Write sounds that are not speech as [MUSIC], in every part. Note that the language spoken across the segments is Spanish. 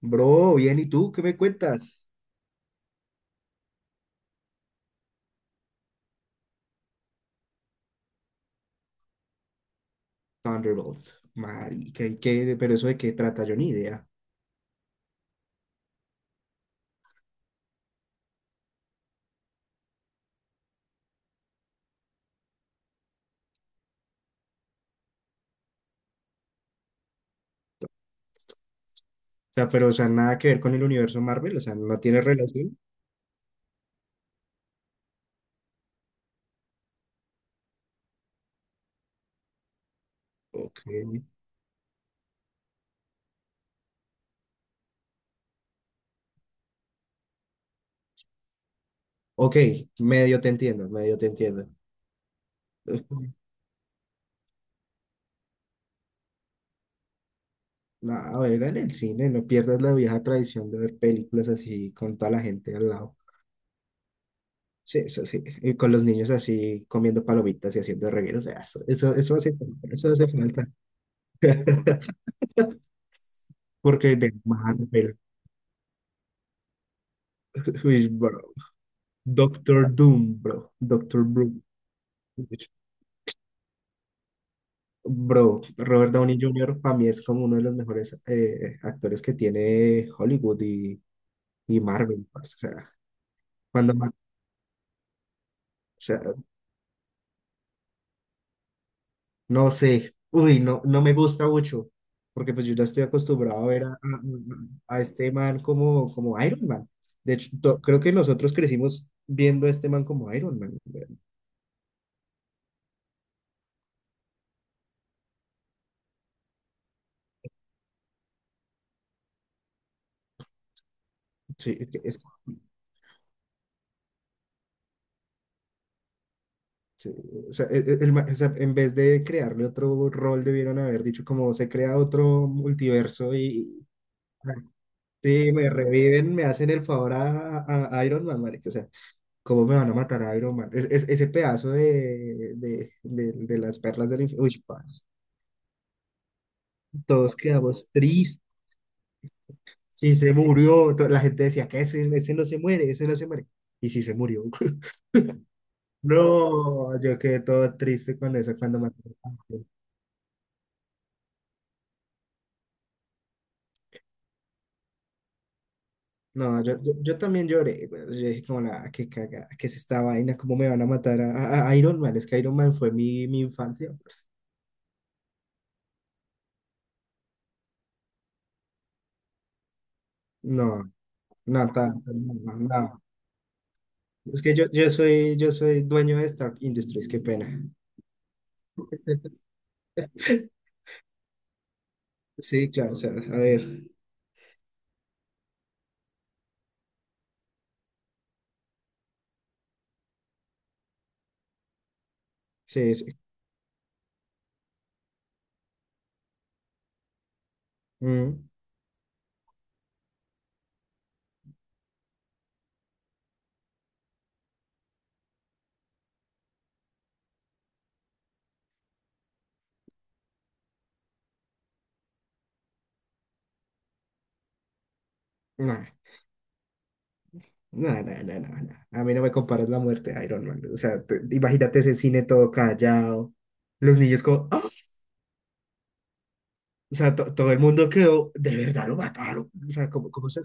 Bro, bien, ¿y tú qué me cuentas? Thunderbolts, marica, ¿y qué? Pero eso de qué trata, yo ni idea. O sea, pero, o sea, nada que ver con el universo Marvel, o sea, no tiene relación. Ok, ok, medio te entiendo, medio te entiendo. [LAUGHS] Nada, a ver, en el cine, no pierdas la vieja tradición de ver películas así con toda la gente al lado. Sí, eso sí, y con los niños así comiendo palomitas y haciendo regueros, o sea, eso hace falta, eso hace falta. [LAUGHS] Porque de Marvel, uy, bro. Doctor Doom, bro. Doctor Bro. Bro, Robert Downey Jr. para mí es como uno de los mejores actores que tiene Hollywood y Marvel. Parce, o sea, cuando más, o sea, no sé, uy, no, no me gusta mucho, porque pues yo ya estoy acostumbrado a ver a este man como, como Iron Man. De hecho, creo que nosotros crecimos viendo a este man como Iron Man. Sí, es sí, o sea, el o sea, en vez de crearle otro rol, debieron haber dicho como se crea otro multiverso y sí, me reviven, me hacen el favor a Iron Man, marica. O sea, ¿cómo me van a matar a Iron Man? Es, ese pedazo de las perlas del infierno. Uy, parce, todos quedamos tristes. Y se murió. La gente decía que ese no se muere, ese no se muere. Y sí se murió. [LAUGHS] No, yo quedé todo triste con eso cuando me acordé. No, yo también lloré, güey. Yo dije como la que caga, que es esta vaina, cómo me van a matar a Iron Man. Es que Iron Man fue mi, mi infancia. Pues. No, no, no, no. No. Es que yo, yo soy dueño de Stark Industries, qué pena. [LAUGHS] Sí, claro, o sea, a ver. Sí, sí. Mm, no, no, no, no, no, no. A mí no me comparas la muerte de Iron Man. O sea, imagínate ese cine todo callado. Los niños como, ¡ah! O sea, todo el mundo quedó, de verdad lo mataron. O sea, como, como se...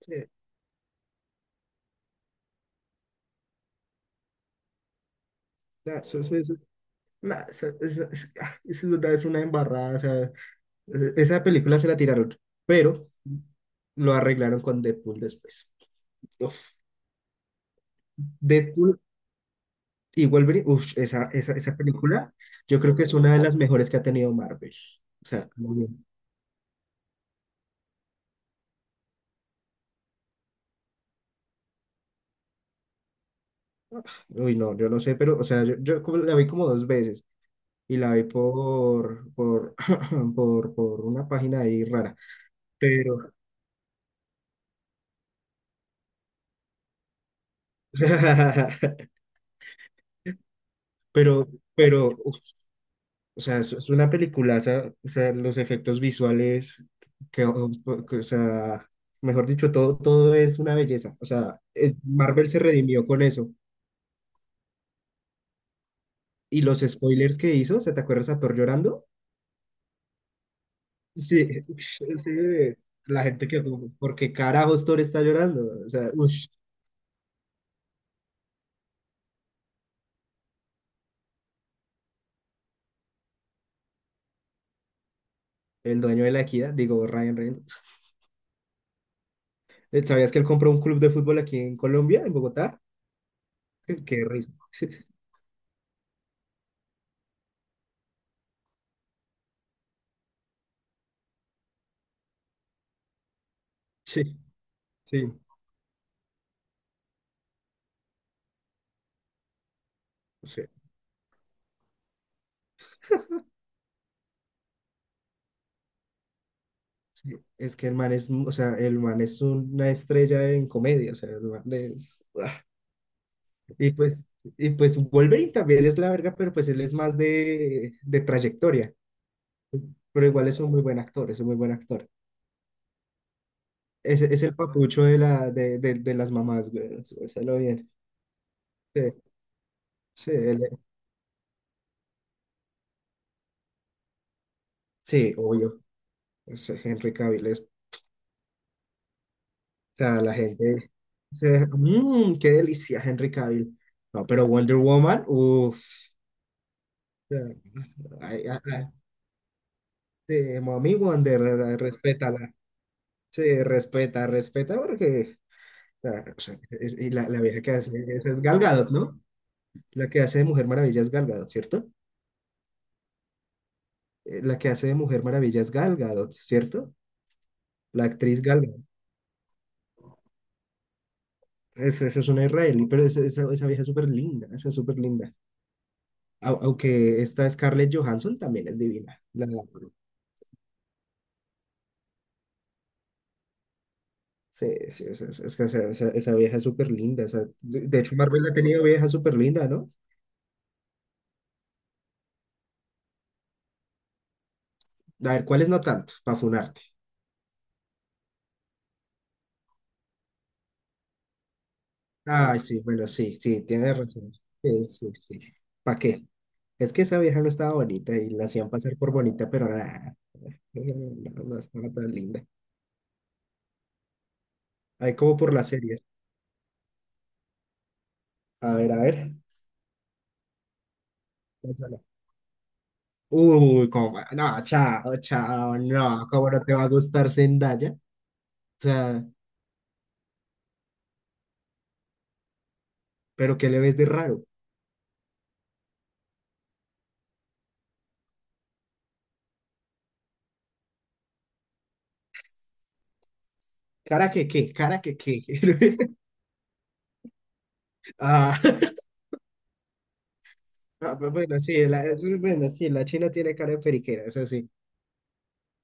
sí. Nah, nah, ah, eso es verdad, es una embarrada. O sea, esa película se la tiraron, pero lo arreglaron con Deadpool después. Uf, Deadpool y Wolverine, uf, esa película yo creo que es una de las mejores que ha tenido Marvel. O sea, muy bien. Uy, no, yo no sé, pero, o sea, yo como la vi como dos veces y la vi por, [LAUGHS] [CLEARS THROAT] por una página ahí rara, pero, [LAUGHS] pero, pero, o sea, es una peliculaza, o sea, los efectos visuales, que, o sea, mejor dicho, todo, todo es una belleza. O sea, Marvel se redimió con eso. Y los spoilers que hizo, ¿se te acuerdas a Thor llorando? Sí, [LAUGHS] sí, la gente que, porque carajos Thor está llorando? O sea, ush, el dueño de la equidad, digo, Ryan Reynolds. ¿Sabías que él compró un club de fútbol aquí en Colombia, en Bogotá? [LAUGHS] Qué risa. Sí, sí. Sí. Sí, es que el man es, o sea, el man es una estrella en comedia, o sea, el man es, ¡buah! Y pues, y pues Wolverine también es la verga, pero pues él es más de trayectoria, pero igual es un muy buen actor, es un muy buen actor. Es el papucho de, la, de las mamás, güey, o sea, lo bien. Sí, sí, él- sí, obvio, es Henry Cavill es, o sea, la gente, o sea, "Mm, qué delicia Henry Cavill. No, pero Wonder Woman, uff, sí, Mami Wonder, respétala. Sí, respeta, respeta, porque ah, o sea, y la vieja que hace esa es Gal Gadot, ¿no? La que hace de Mujer Maravilla es Gal Gadot, ¿cierto? La que hace de Mujer Maravilla es Gal Gadot, ¿cierto? La actriz Gal Gadot. Esa es, esa es una israelí, pero esa vieja es súper linda, esa es súper linda. Aunque esta Scarlett Johansson también es divina. Sí, sí, es, es que o sea, esa vieja es súper linda. De hecho, Marvel ha tenido vieja súper linda, ¿no? A ver, ¿cuáles no tanto? Para funarte. Ay, sí, bueno, sí, sí, tienes razón. Sí, sí, sí. ¿Para qué? Es que esa vieja no estaba bonita y la hacían pasar por bonita, pero nada. [LAUGHS] No, no, no estaba tan linda. Ahí como por la serie. A ver, a ver. Lánzala. Uy, como. No, chao, chao, no. ¿Cómo no te va a gustar Zendaya? O sea, ¿pero qué le ves de raro? ¿Cara que qué? ¿Cara que qué? [LAUGHS] Ah, [LAUGHS] ah, pues bueno, sí, la, bueno, sí, la China tiene cara de periquera, eso sí.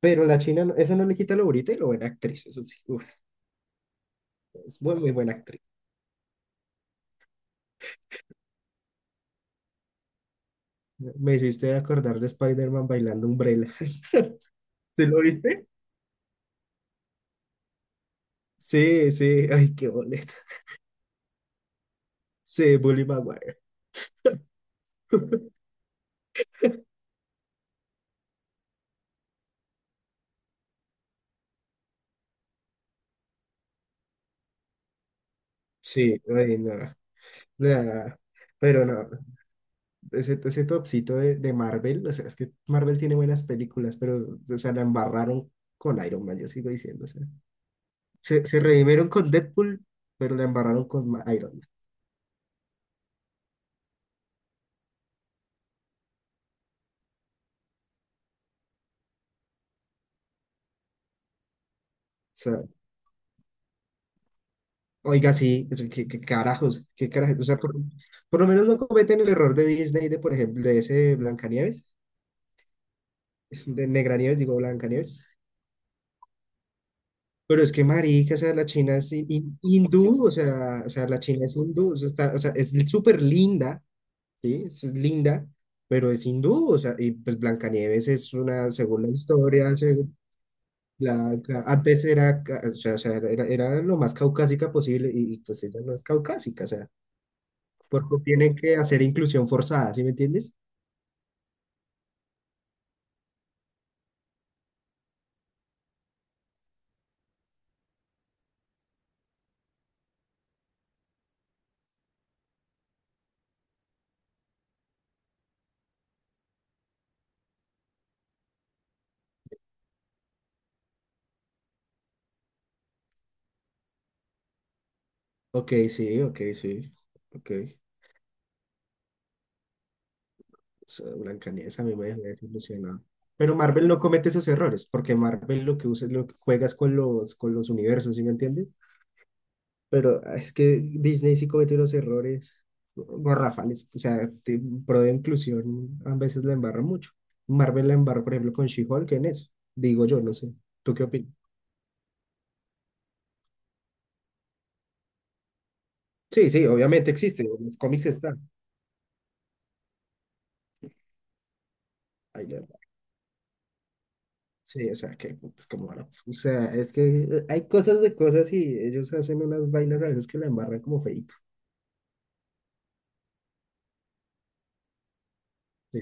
Pero la China, eso no le quita lo bonita y lo buena actriz, eso sí. Es muy, muy buena actriz. Me hiciste acordar de Spider-Man bailando Umbrella. [LAUGHS] ¿Sí lo viste? Sí, sí. Ay, qué boleta. Sí, Bully Maguire. [LAUGHS] Sí, ay, no, nada. Pero no, ese topcito de Marvel, o sea, es que Marvel tiene buenas películas, pero, o sea, la embarraron con Iron Man, yo sigo diciendo, o sea, se redimieron con Deadpool, pero la embarraron con Iron Man. Oiga, sí, qué, qué carajos, qué carajos. O sea, por lo menos no cometen el error de Disney, de por ejemplo, de ese Blancanieves, es de Negranieves, digo Blancanieves. Pero es que marica, o sea, la China es hindú, o sea, la China es hindú, o sea, o sea, es súper linda, ¿sí? Es linda, pero es hindú, o sea, y pues Blancanieves es una, según la historia, la, antes era, o sea, era, era lo más caucásica posible, y pues ella no es caucásica, porque tienen que hacer inclusión forzada, ¿sí me entiendes? Ok, sí, ok, sí. Ok. Esa Blancanieves a mí me dejó desilusionado. Pero Marvel no comete esos errores, porque Marvel lo que usa es lo que juegas con los universos, ¿sí me entiendes? Pero ah, es que Disney sí comete unos errores garrafales, o sea, pro de inclusión a veces la embarra mucho. Marvel la embarra, por ejemplo, con She-Hulk en eso, digo yo, no sé. ¿Tú qué opinas? Sí, sí, obviamente existe, en los cómics está. Ahí sí, o sea, que es como, bueno, o sea, es que hay cosas de cosas y ellos hacen unas vainas a veces que la embarran como feíto. Sí,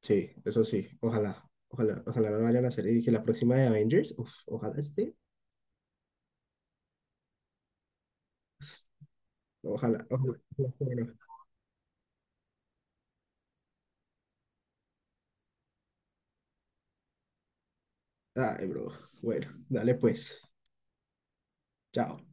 sí, eso sí, ojalá, ojalá, ojalá no vayan a hacer y que la próxima de Avengers, uf, ojalá esté, ojalá. Ojalá, ojalá. Ay, bro, bueno, dale pues, chao.